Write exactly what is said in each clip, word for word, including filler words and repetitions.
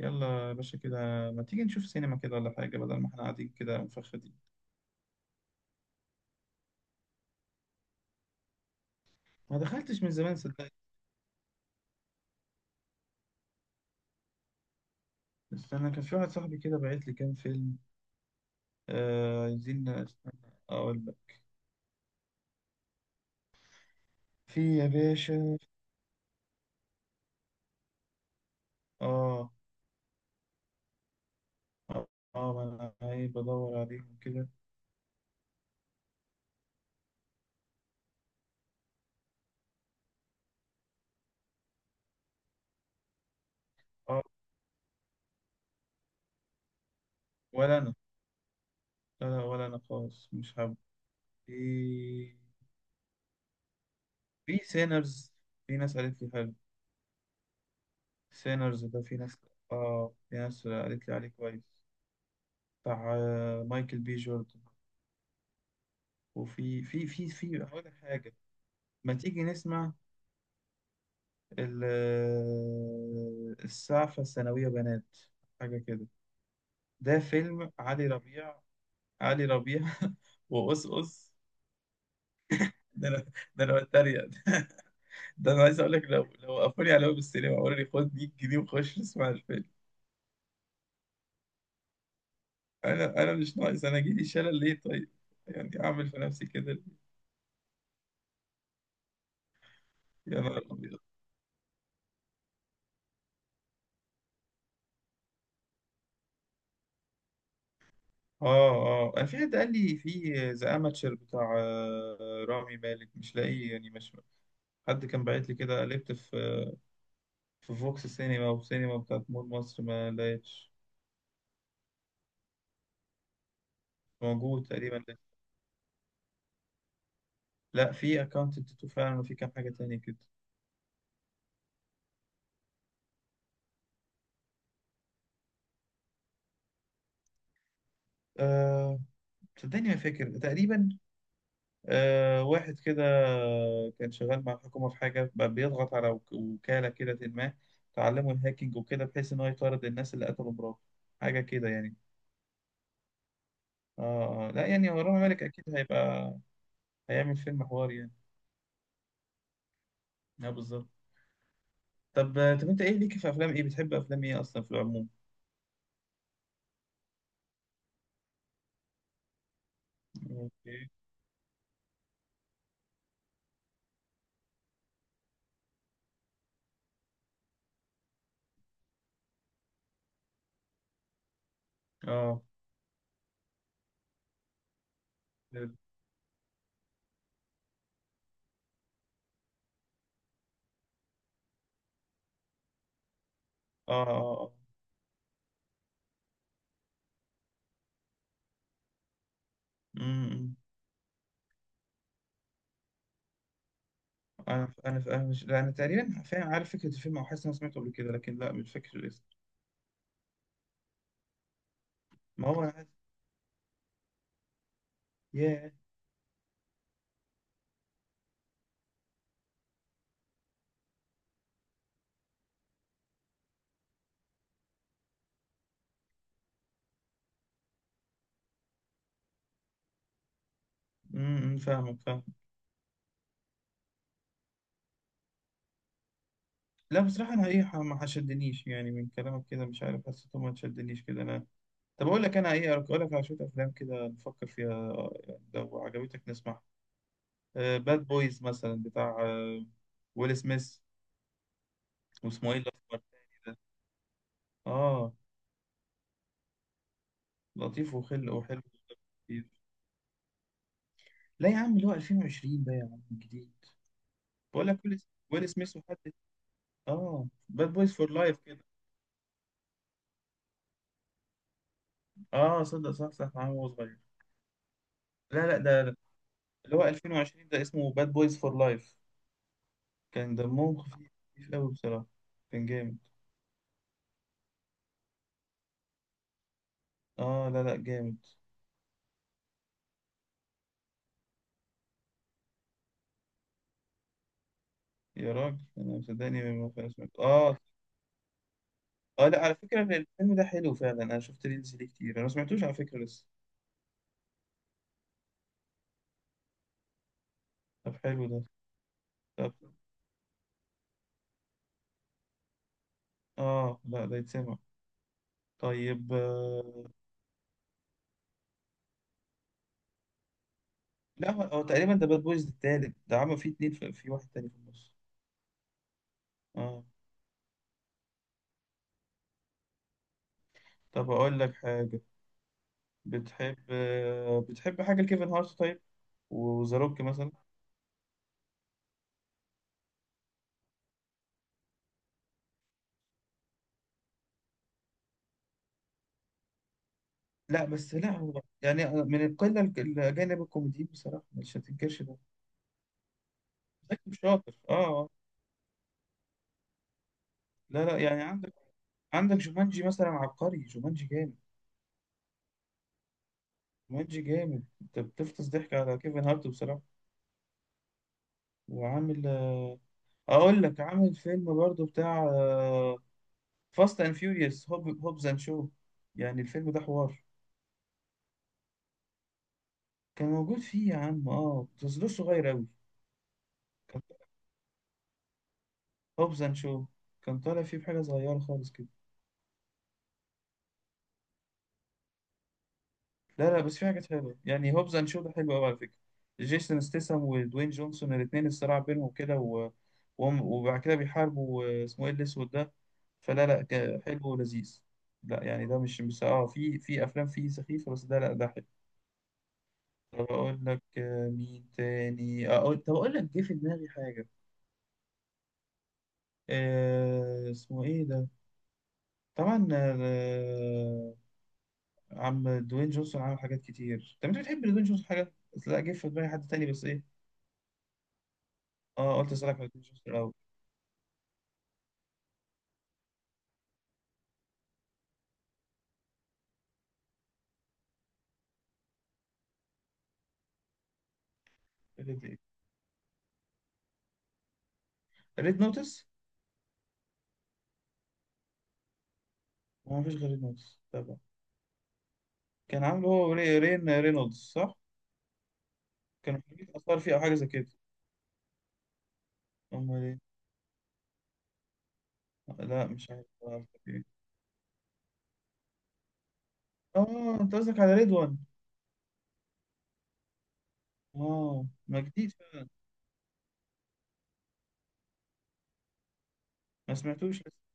يلا يا باشا كده. ما تيجي نشوف سينما كده ولا حاجة بدل ما احنا قاعدين كده مفخدين؟ ما دخلتش من زمان صدقني. بس أنا كان في واحد صاحبي كده بعت لي كام فيلم. آه عايزين، استنى أقول لك. في يا باشا. آه آه آه، ما أنا عيب بدور عليهم كده. آه ولا أنا. لا لا، ولا أنا خالص مش حابب. في في سينرز. في ناس قالت لي حلو. سينرز ده في ناس. آه في ناس قالت لي عليه كويس. بتاع آه، مايكل بي جوردن. وفي في في في هقول لك حاجة. ما تيجي نسمع ال- السعفة الثانوية بنات، حاجة كده. ده فيلم علي ربيع، علي ربيع وقصقص. ده انا، ده انا بتريق ده انا عايز اقول لك، لو لو وقفوني على باب السينما وقالوا لي خد مية جنيه وخش اسمع الفيلم، انا انا مش ناقص. انا جيلي شلل ليه طيب؟ يعني اعمل في نفسي كده ليه؟ يا نهار ابيض. اه اه، أنا في حد قال لي في ذا اماتشر بتاع آه، رامي مالك، مش لاقيه يعني، مش حد كان باعت لي كده. قلبت في في فوكس سينما وسينما بتاعت مول مصر، ما لقيتش موجود تقريبا ده. لا في اكونت التاتو فعلا، وفي كام حاجة تانية كده. أه صدقني ما فاكر تقريبا. أه واحد كده كان شغال مع الحكومة في حاجة، بقى بيضغط على وك- وكالة كده، ما تعلموا الهاكينج وكده، بحيث إن هو يطارد الناس اللي قتلوا مراته، حاجة كده يعني. اه آه. لا يعني هو رامي مالك أكيد هيبقى، هيعمل فيلم حوار يعني. اه بالظبط. طب طب انت ايه ليك في افلام، ايه بتحب افلام ايه اصلا في العموم؟ اوكي. اه اه اه، آه. أمم. امم. انا انا انا مش، لا انا تقريبا فاهم، عارف فكره الفيلم، او حاسس إن انا سمعته قبل كده، لكن لا مش فاكر الاسم. ما هو انا. ياه. امم امم. فاهمك، فاهم. لا بصراحه انا ايه ما شدنيش، يعني من كلامك كده مش عارف حسيته ما شدنيش كده انا. طب اقول لك انا ايه، اقول لك على شويه افلام كده نفكر فيها، يعني لو عجبتك نسمعها. باد بويز مثلا، بتاع آه، ويل سميث. واسمه ايه الاسمر التاني ده؟ اه لطيف وخل وحلو. لا يا عم، اللي هو ألفين وعشرين ده يا عم، جديد. بقول لك ويل، ويل سميث وحد. اه، باد بويز فور لايف كده. اه صدق، صح صح عم، هو صغير. لا لا، ده ده اللي هو ألفين وعشرين ده، اسمه باد بويز فور لايف. كان دمهم خفيف خفيف قوي بصراحة. كان جامد. اه لا لا جامد. يا راجل انا صدقني ما ما سمعت اه. اه لا، على فكرة الفيلم ده حلو فعلا، انا شفت ريلز ليه كتير، انا ما سمعتوش على فكرة لسه. طب حلو ده. طب اه لا، ده يتسمع. طيب. آه، لا هو هو تقريبا ده باد بويز التالت، ده عمل فيه اتنين، في, في واحد تاني في النص. اه. طب اقول لك حاجة. بتحب آه، بتحب حاجة لكيفن هارت طيب، وذا روك مثلا. لا بس لا، هو يعني أنا من القلة الك- الأجانب الكوميديين بصراحة مش هتنكرش ده. لكن شاطر اه آه. لا لا يعني، عندك عندك جومانجي مثلا، عبقري، جومانجي جامد. جومانجي جامد، انت بتفطس ضحك على كيفن هارت بصراحة. وعامل آه، اقول لك، عامل فيلم برضو بتاع آه، فاست اند فيوريوس، هوب هوبز اند شو. يعني الفيلم ده حوار. كان موجود فيه يا عم اه، بس ده صغير أوي. كان هوبز اند شو، كان طالع فيه بحاجة صغيرة خالص كده. لا لا بس في حاجات حلوة، يعني هوبز اند شو ده حلو أوي على فكرة. جيسون ستيسم ودوين جونسون الاتنين، الصراع بينهم كده، و... وهم- وبعد كده بيحاربوا آه، اسمه ايه الأسود ده؟ فلا لا ك- حلو ولذيذ. لا يعني ده مش بس اه، في في أفلام فيه سخيفة، بس ده لا ده حلو. طب أقول لك آه، مين تاني، آه، أقول طب أقول لك جه في دماغي حاجة. آه اسمه ايه ده؟ طبعا آه عم دوين جونسون عمل حاجات كتير. طب انت بتحب دوين جونسون حاجه؟ بس لا، جه في دماغي حد تاني بس ايه. اه قلت اسالك على دوين جونسون الاول. ريد إيه؟ ريد نوتس. ما فيش غير ريد نوتس طبعا. كان عامله هو ري- رين رينولدز صح؟ كانوا حاجات اثار فيه او حاجه زي كده. امال ايه؟ لا مش عارف آه، إيه. اه انت قصدك على ريد وان. اه، ما جديد فعلا. ما سمعتوش لسه.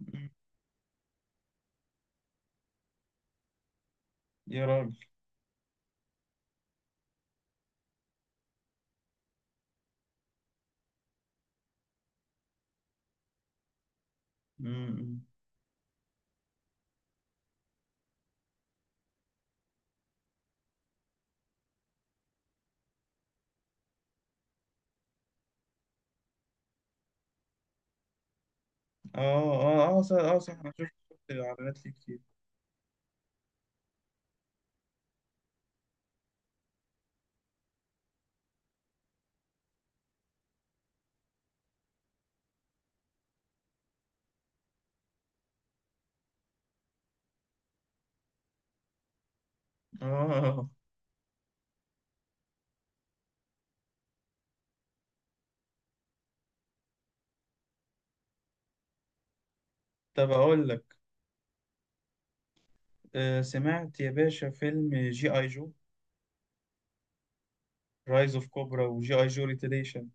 مم. يا راجل. مم. اه اه اه صح، آه صح، انا شفت شفت اعلانات ليه كتير. اه اه، اه. طب اقول لك. آه سمعت يا باشا فيلم جي اي جو رايز اوف كوبرا وجي اي جو ريتيليشن؟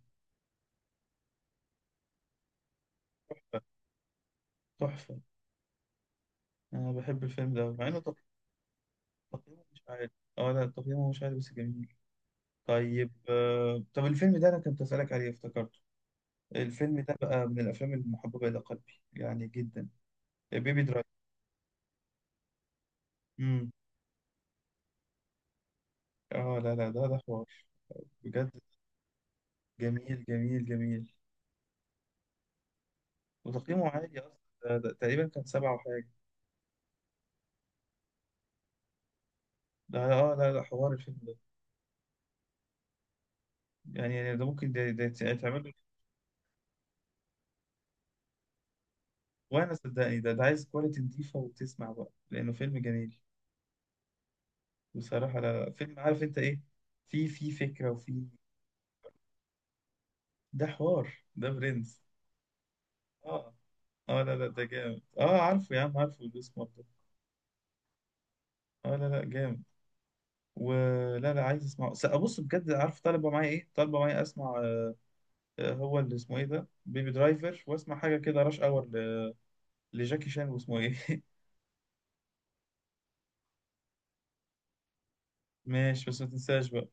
تحفة. انا بحب الفيلم ده أوي، مع انه تق- تقييمه مش عالي. اه لا تقييمه مش عالي بس جميل. طيب. آه طب الفيلم ده انا كنت اسالك عليه، افتكرته. الفيلم ده بقى من الافلام المحببة الى قلبي يعني جدا. بيبي درايف. امم. اه لا لا، ده ده حوار بجد. جميل جميل جميل. وتقييمه عالي اصلا، ده ده تقريبا كان سبعة وحاجة. ده اه لا لا، حوار الفيلم ده، يعني يعني، ده ممكن ده, ده يتعمل له. وانا صدقني ده, ده عايز كواليتي نضيفة وتسمع، بقى لانه فيلم جميل بصراحة. لا لا فيلم، عارف انت ايه، في في فكرة وفي، ده حوار، ده برنس. اه اه لا لا ده جامد، اه عارفه يا عم، عارفه الاسمر ده. اه لا لا جامد. ولا لا عايز اسمعه. س- ابص بجد، عارف طالبه معايا ايه؟ طالبه معايا اسمع آه، هو اللي اسمه ايه ده، بيبي درايفر، واسمع حاجه كده راش اور لجاكي شان، واسمه ايه. ماشي بس ما تنساش بقى.